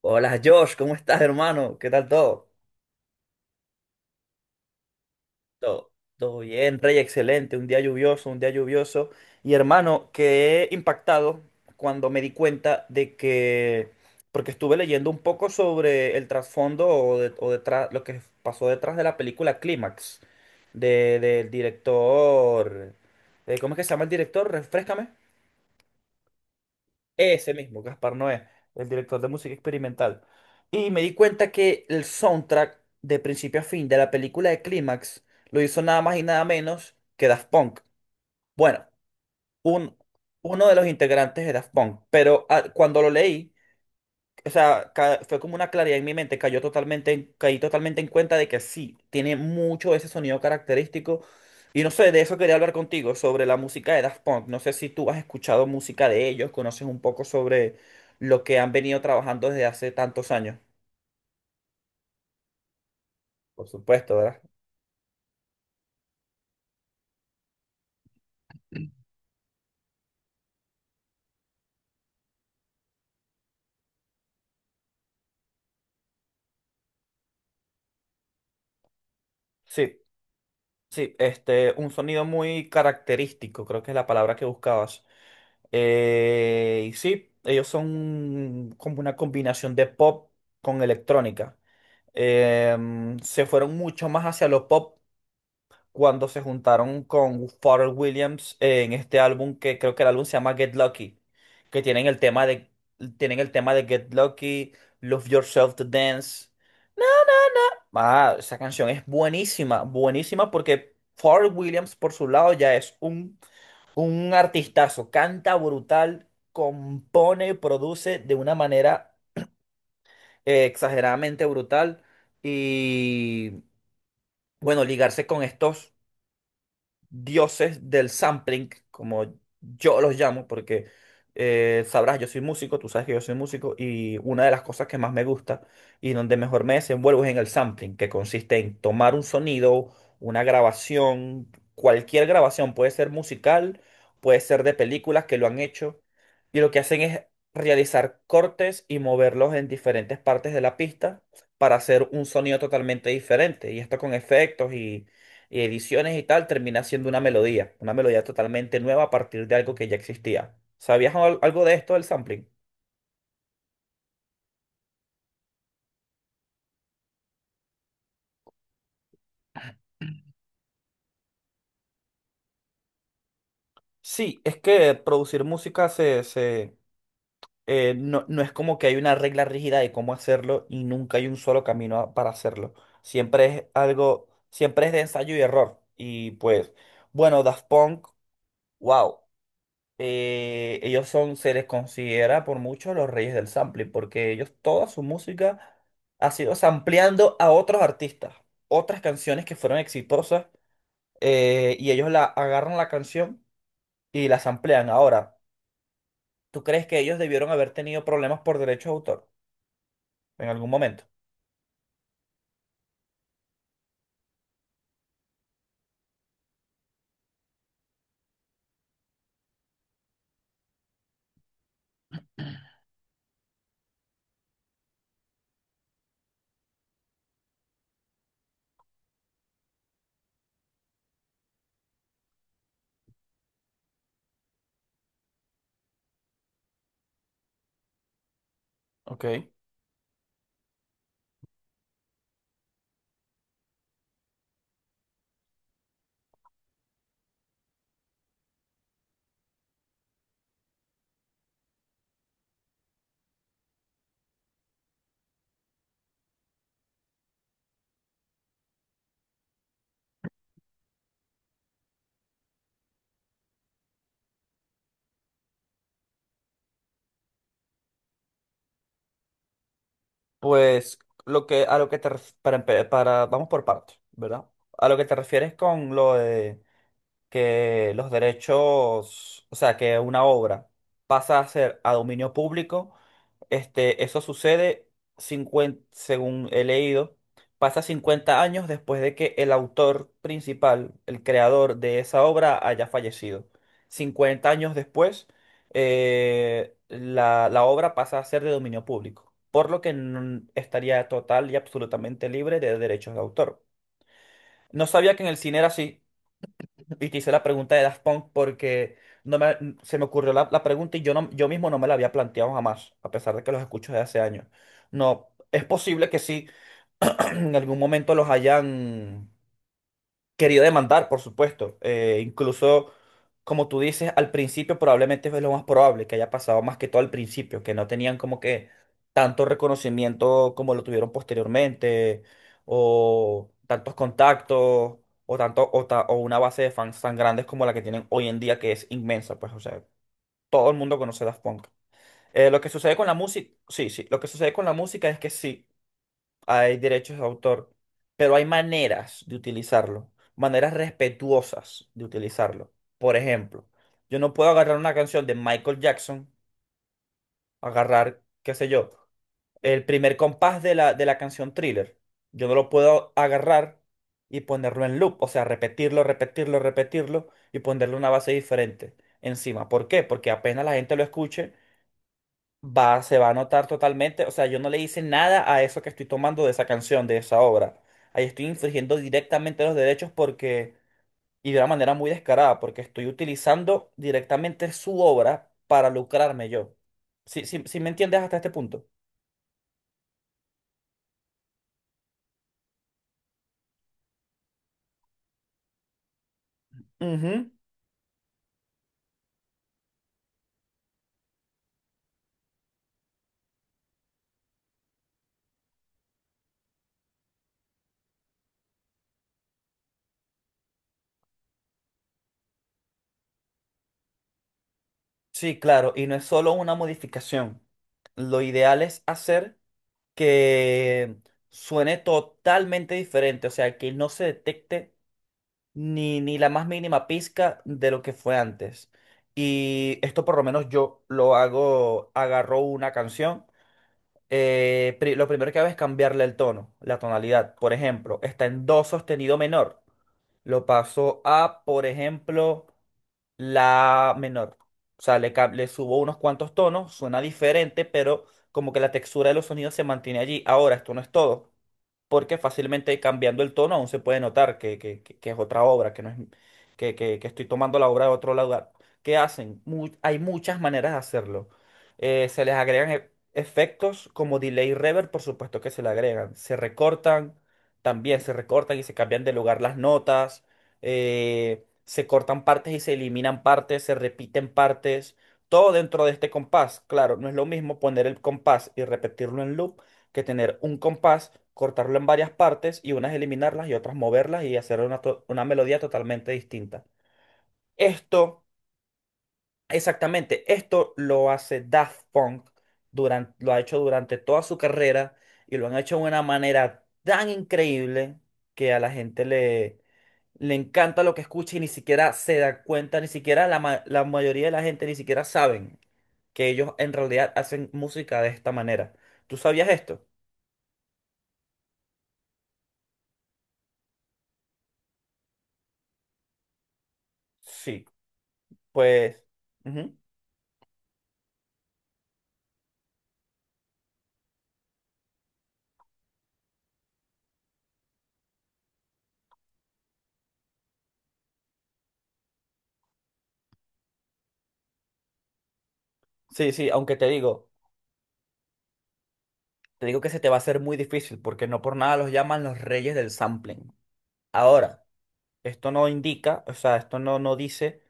Hola Josh, ¿cómo estás, hermano? ¿Qué tal todo? Todo. Todo bien, Rey, excelente. Un día lluvioso, un día lluvioso. Y hermano, quedé impactado cuando me di cuenta de que, porque estuve leyendo un poco sobre el trasfondo o, de- o detrás, lo que pasó detrás de la película Clímax, del director, ¿cómo es que se llama el director? Refréscame. Ese mismo, Gaspar Noé, el director de música experimental. Y me di cuenta que el soundtrack de principio a fin de la película de Clímax lo hizo nada más y nada menos que Daft Punk. Bueno, un, uno de los integrantes de Daft Punk, pero cuando lo leí, o sea, fue como una claridad en mi mente, cayó totalmente, caí totalmente en cuenta de que sí, tiene mucho ese sonido característico. Y no sé, de eso quería hablar contigo, sobre la música de Daft Punk. No sé si tú has escuchado música de ellos, conoces un poco sobre lo que han venido trabajando desde hace tantos años. Por supuesto, ¿verdad? Sí, sí, este, un sonido muy característico, creo que es la palabra que buscabas. Y sí, ellos son como una combinación de pop con electrónica. Se fueron mucho más hacia lo pop cuando se juntaron con Pharrell Williams en este álbum que creo que el álbum se llama Get Lucky, que tienen el tema de Get Lucky, Love Yourself to Dance. Ah, esa canción es buenísima, buenísima porque Pharrell Williams por su lado ya es un artistazo, canta brutal, compone, produce de una manera exageradamente brutal. Bueno, ligarse con estos dioses del sampling, como yo los llamo, porque sabrás, yo soy músico, tú sabes que yo soy músico, y una de las cosas que más me gusta y donde mejor me desenvuelvo es en el sampling, que consiste en tomar un sonido, una grabación, cualquier grabación, puede ser musical, puede ser de películas que lo han hecho, y lo que hacen es realizar cortes y moverlos en diferentes partes de la pista para hacer un sonido totalmente diferente, y esto con efectos y ediciones y tal, termina siendo una melodía totalmente nueva a partir de algo que ya existía. ¿Sabías algo de esto del sampling? Sí, es que producir música no, no es como que hay una regla rígida de cómo hacerlo y nunca hay un solo camino para hacerlo. Siempre es algo, siempre es de ensayo y error. Y pues, bueno, Daft Punk, wow. Ellos son, se les considera por mucho los reyes del sampling, porque ellos toda su música ha sido sampleando a otros artistas, otras canciones que fueron exitosas, y ellos la agarran la canción y la samplean. Ahora, ¿tú crees que ellos debieron haber tenido problemas por derecho de autor en algún momento? Ok. Pues lo que a lo que para, para vamos por partes, ¿verdad? A lo que te refieres con lo de que los derechos, o sea, que una obra pasa a ser a dominio público, este, eso sucede 50, según he leído, pasa 50 años después de que el autor principal, el creador de esa obra, haya fallecido. 50 años después, la obra pasa a ser de dominio público, por lo que estaría total y absolutamente libre de derechos de autor. No sabía que en el cine era así. Y te hice la pregunta de Daft Punk porque no me, se me ocurrió la pregunta y yo, no, yo mismo no me la había planteado jamás, a pesar de que los escucho desde hace años. No, es posible que sí, en algún momento los hayan querido demandar, por supuesto. Incluso, como tú dices, al principio probablemente fue lo más probable que haya pasado más que todo al principio, que no tenían como que tanto reconocimiento como lo tuvieron posteriormente, o tantos contactos, o una base de fans tan grandes como la que tienen hoy en día, que es inmensa, pues, o sea, todo el mundo conoce Daft Punk. Lo que sucede con la música, sí, sí, lo que sucede con la música es que sí hay derechos de autor, pero hay maneras de utilizarlo, maneras respetuosas de utilizarlo. Por ejemplo, yo no puedo agarrar una canción de Michael Jackson, agarrar, qué sé yo, el primer compás de la canción Thriller. Yo no lo puedo agarrar y ponerlo en loop, o sea, repetirlo, repetirlo, repetirlo y ponerle una base diferente encima. ¿Por qué? Porque apenas la gente lo escuche, se va a notar totalmente. O sea, yo no le hice nada a eso que estoy tomando de esa canción, de esa obra. Ahí estoy infringiendo directamente los derechos porque, y de una manera muy descarada, porque estoy utilizando directamente su obra para lucrarme yo. Si sí, sí sí me entiendes hasta este punto? Ujú. Sí, claro, y no es solo una modificación. Lo ideal es hacer que suene totalmente diferente, o sea, que no se detecte ni la más mínima pizca de lo que fue antes. Y esto por lo menos yo lo hago, agarro una canción. Lo primero que hago es cambiarle el tono, la tonalidad. Por ejemplo, está en do sostenido menor. Lo pasó a, por ejemplo, la menor. O sea, le subo unos cuantos tonos, suena diferente, pero como que la textura de los sonidos se mantiene allí. Ahora, esto no es todo, porque fácilmente cambiando el tono aún se puede notar que es otra obra, que no es que estoy tomando la obra de otro lugar. ¿Qué hacen? Hay muchas maneras de hacerlo. Se les agregan efectos como delay reverb, por supuesto que se le agregan. Se recortan también se recortan y se cambian de lugar las notas, se cortan partes y se eliminan partes, se repiten partes, todo dentro de este compás. Claro, no es lo mismo poner el compás y repetirlo en loop que tener un compás, cortarlo en varias partes y unas eliminarlas y otras moverlas y hacer una melodía totalmente distinta. Esto. Exactamente, esto lo hace Daft Punk, durante, lo ha hecho durante toda su carrera y lo han hecho de una manera tan increíble que a la gente le encanta lo que escucha y ni siquiera se da cuenta, ni siquiera la mayoría de la gente ni siquiera saben que ellos en realidad hacen música de esta manera. ¿Tú sabías esto? Sí, pues... ujú. Sí, sí, aunque te digo que se te va a hacer muy difícil porque no por nada los llaman los reyes del sampling. Ahora. Esto no indica, o sea, esto no, no dice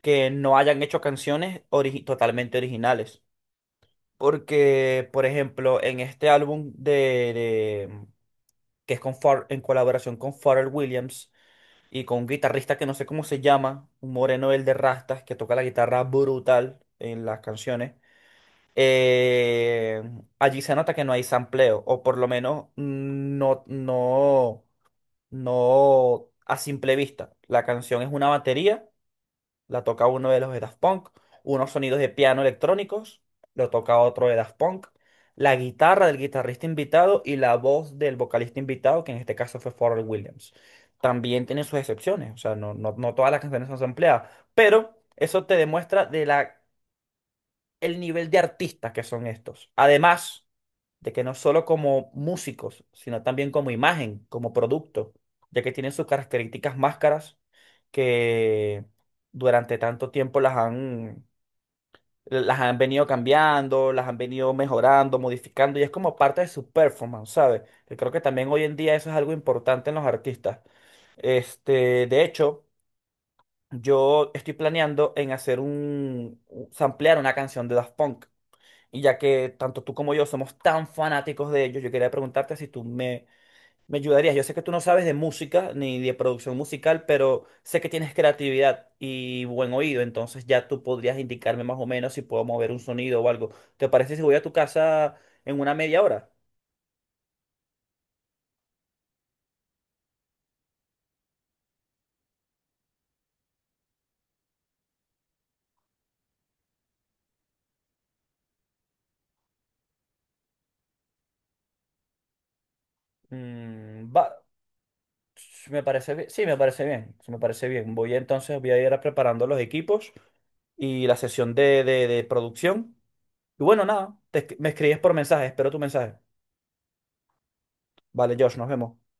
que no hayan hecho canciones totalmente originales. Porque, por ejemplo, en este álbum de- mm, que es con en colaboración con Pharrell Williams y con un guitarrista que no sé cómo se llama, un moreno el de rastas que toca la guitarra brutal en las canciones, eh, allí se nota que no hay sampleo, o por lo menos no a simple vista. La canción es una batería la toca uno de los de Daft Punk, unos sonidos de piano electrónicos, lo toca otro de Daft Punk, la guitarra del guitarrista invitado y la voz del vocalista invitado, que en este caso fue Pharrell Williams. También tiene sus excepciones, o sea, no todas las canciones son sampleadas, pero eso te demuestra de la el nivel de artistas que son estos. Además de que no solo como músicos, sino también como imagen, como producto, ya que tienen sus características máscaras que durante tanto tiempo las han venido cambiando, las han venido mejorando, modificando, y es como parte de su performance, ¿sabes? Que creo que también hoy en día eso es algo importante en los artistas. Este, de hecho, yo estoy planeando en hacer samplear una canción de Daft Punk. Y ya que tanto tú como yo somos tan fanáticos de ellos, yo quería preguntarte si me ayudarías. Yo sé que tú no sabes de música ni de producción musical, pero sé que tienes creatividad y buen oído, entonces ya tú podrías indicarme más o menos si puedo mover un sonido o algo. ¿Te parece si voy a tu casa en una media hora? Mm, va, me parece bien. Sí, me parece bien. Sí, me parece bien. Voy entonces, voy a ir preparando los equipos y la sesión de producción. Y bueno, nada, me escribes por mensaje, espero tu mensaje. Vale, Josh, nos vemos.